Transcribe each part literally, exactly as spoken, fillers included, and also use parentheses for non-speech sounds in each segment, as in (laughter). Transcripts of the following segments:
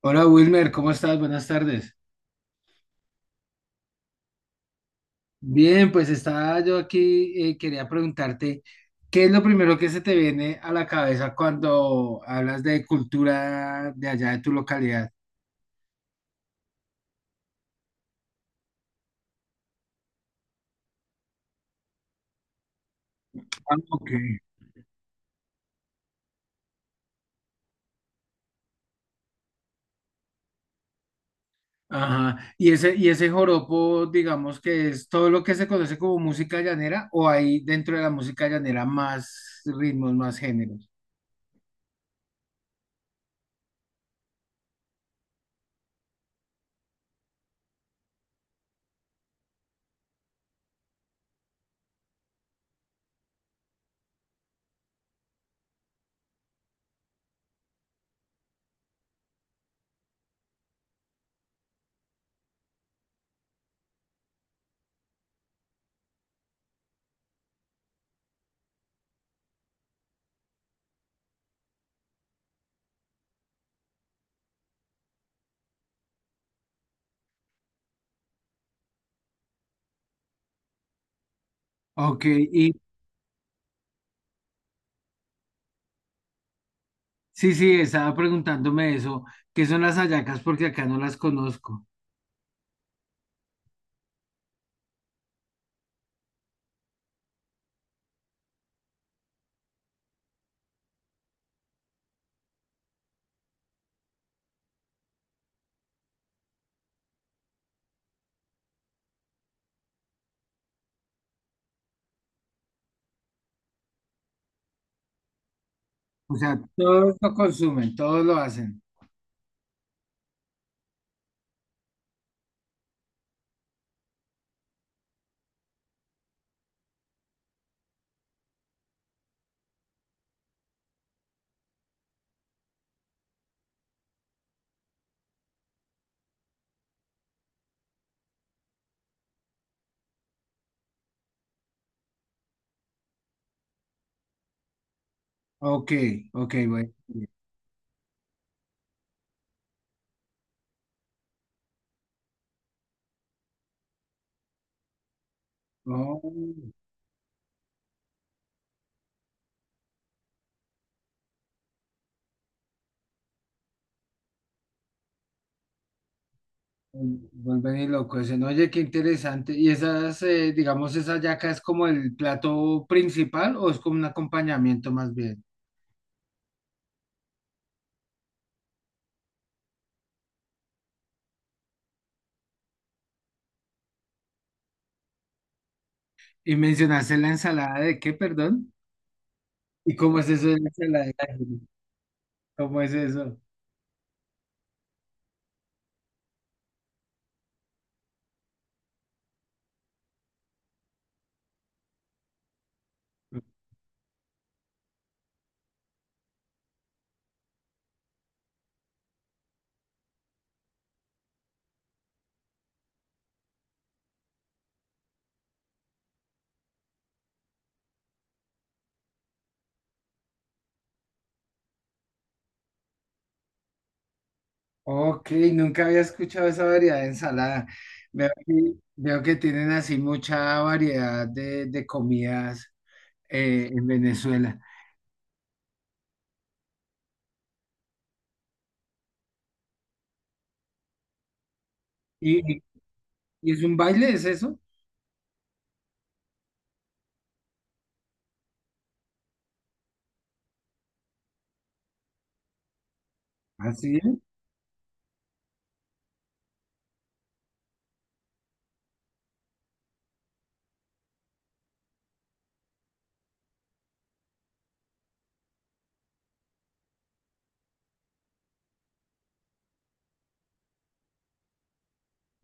Hola Wilmer, ¿cómo estás? Buenas tardes. Bien, pues estaba yo aquí, eh, quería preguntarte, ¿qué es lo primero que se te viene a la cabeza cuando hablas de cultura de allá de tu localidad? Ah, ok. Ajá. ¿Y ese, y ese joropo, digamos que es todo lo que se conoce como música llanera o hay dentro de la música llanera más ritmos, más géneros? Ok, y sí, sí, estaba preguntándome eso, ¿qué son las hallacas? Porque acá no las conozco. O sea, todos lo consumen, todos lo hacen. Ok, ok, bueno. Oh, vuelven y loco ese. No, oye, qué interesante. ¿Y esas, eh, digamos, esa yaca es como el plato principal o es como un acompañamiento más bien? Y mencionaste la ensalada de qué, perdón. ¿Y cómo es eso de la ensalada de ají? ¿Cómo es eso? Ok, nunca había escuchado esa variedad de ensalada. Veo que, veo que tienen así mucha variedad de, de comidas eh, en Venezuela. ¿Y, y- ¿Y es un baile, es eso? Así,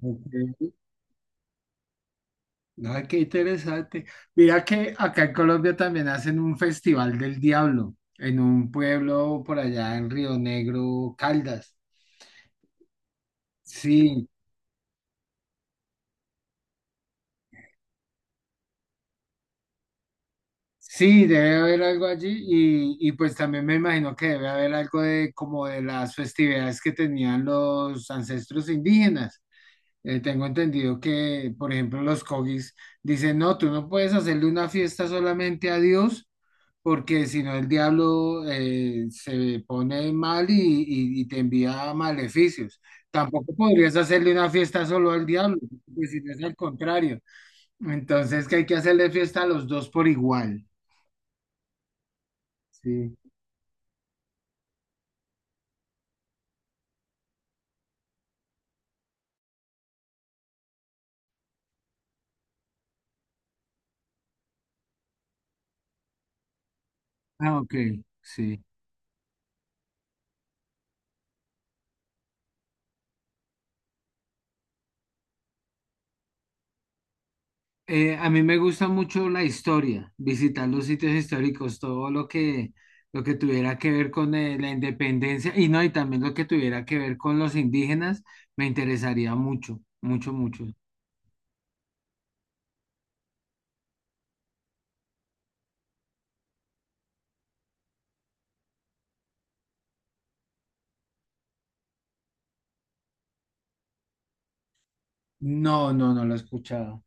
qué interesante. Mira que acá en Colombia también hacen un festival del diablo en un pueblo por allá en Río Negro, Caldas. Sí, sí, debe haber algo allí y, y pues también me imagino que debe haber algo de como de las festividades que tenían los ancestros indígenas. Eh, tengo entendido que, por ejemplo, los cogis dicen, no, tú no puedes hacerle una fiesta solamente a Dios, porque si no el diablo eh, se pone mal y, y- y te envía maleficios. Tampoco podrías hacerle una fiesta solo al diablo, pues si no es al contrario. Entonces que hay que hacerle fiesta a los dos por igual. Sí. Ah, ok, sí. Eh, a mí me gusta mucho la historia, visitar los sitios históricos, todo lo que, lo que tuviera que ver con eh, la independencia y no, y también lo que tuviera que ver con los indígenas, me interesaría mucho, mucho, mucho. No, no, no lo he escuchado.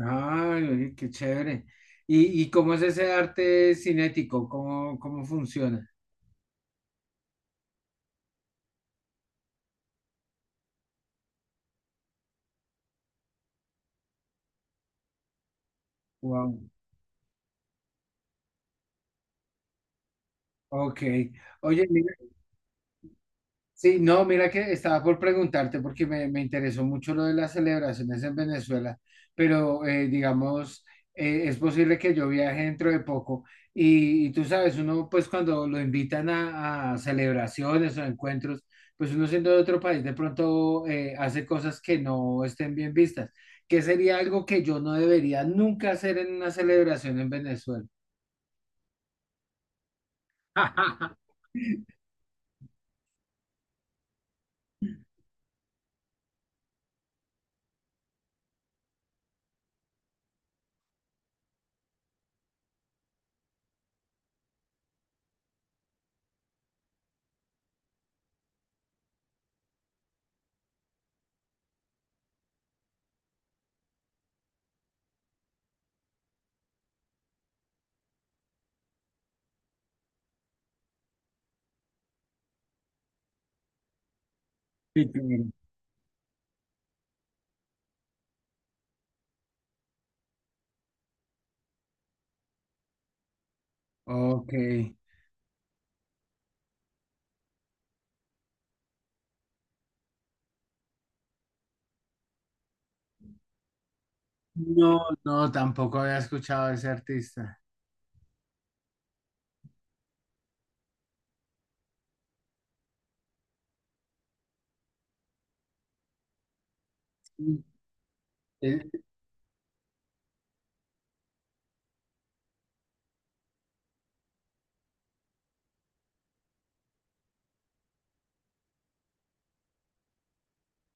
Ay, oye, qué chévere. ¿Y, y cómo es ese arte cinético? ¿Cómo, cómo funciona? Wow. Ok. Oye, mira, sí, no, mira que estaba por preguntarte porque me, me interesó mucho lo de las celebraciones en Venezuela, pero eh, digamos, eh, es posible que yo viaje dentro de poco y, y tú sabes, uno pues cuando lo invitan a, a celebraciones o encuentros, pues uno siendo de otro país de pronto eh, hace cosas que no estén bien vistas, que sería algo que yo no debería nunca hacer en una celebración en Venezuela. (laughs) Sí, claro. Ok. No, no, tampoco había escuchado a ese artista. Eh,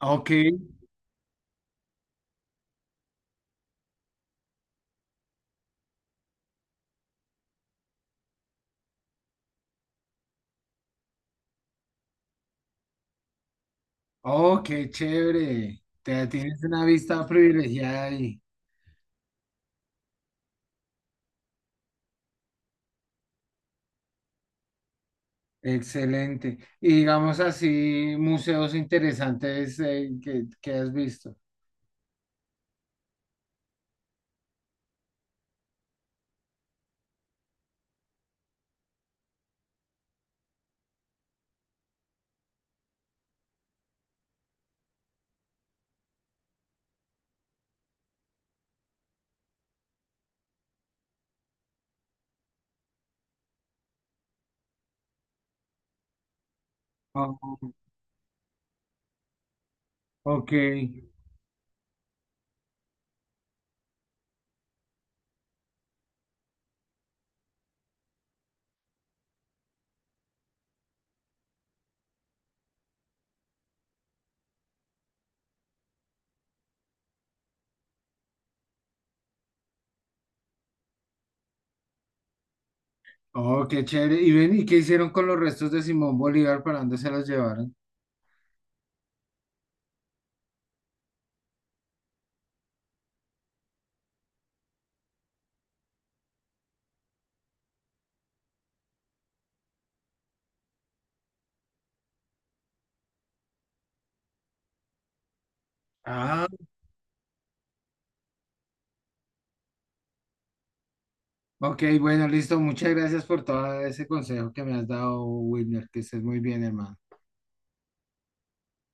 Ok, oh, chévere. Te tienes una vista privilegiada ahí. Excelente. Y digamos así, museos interesantes eh, que, que has visto. Oh, ok. Oh, qué chévere. Y ven, ¿y qué hicieron con los restos de Simón Bolívar? ¿Para dónde se los llevaron? Ah, ok, bueno, listo. Muchas gracias por todo ese consejo que me has dado, Wilmer. Que estés muy bien, hermano.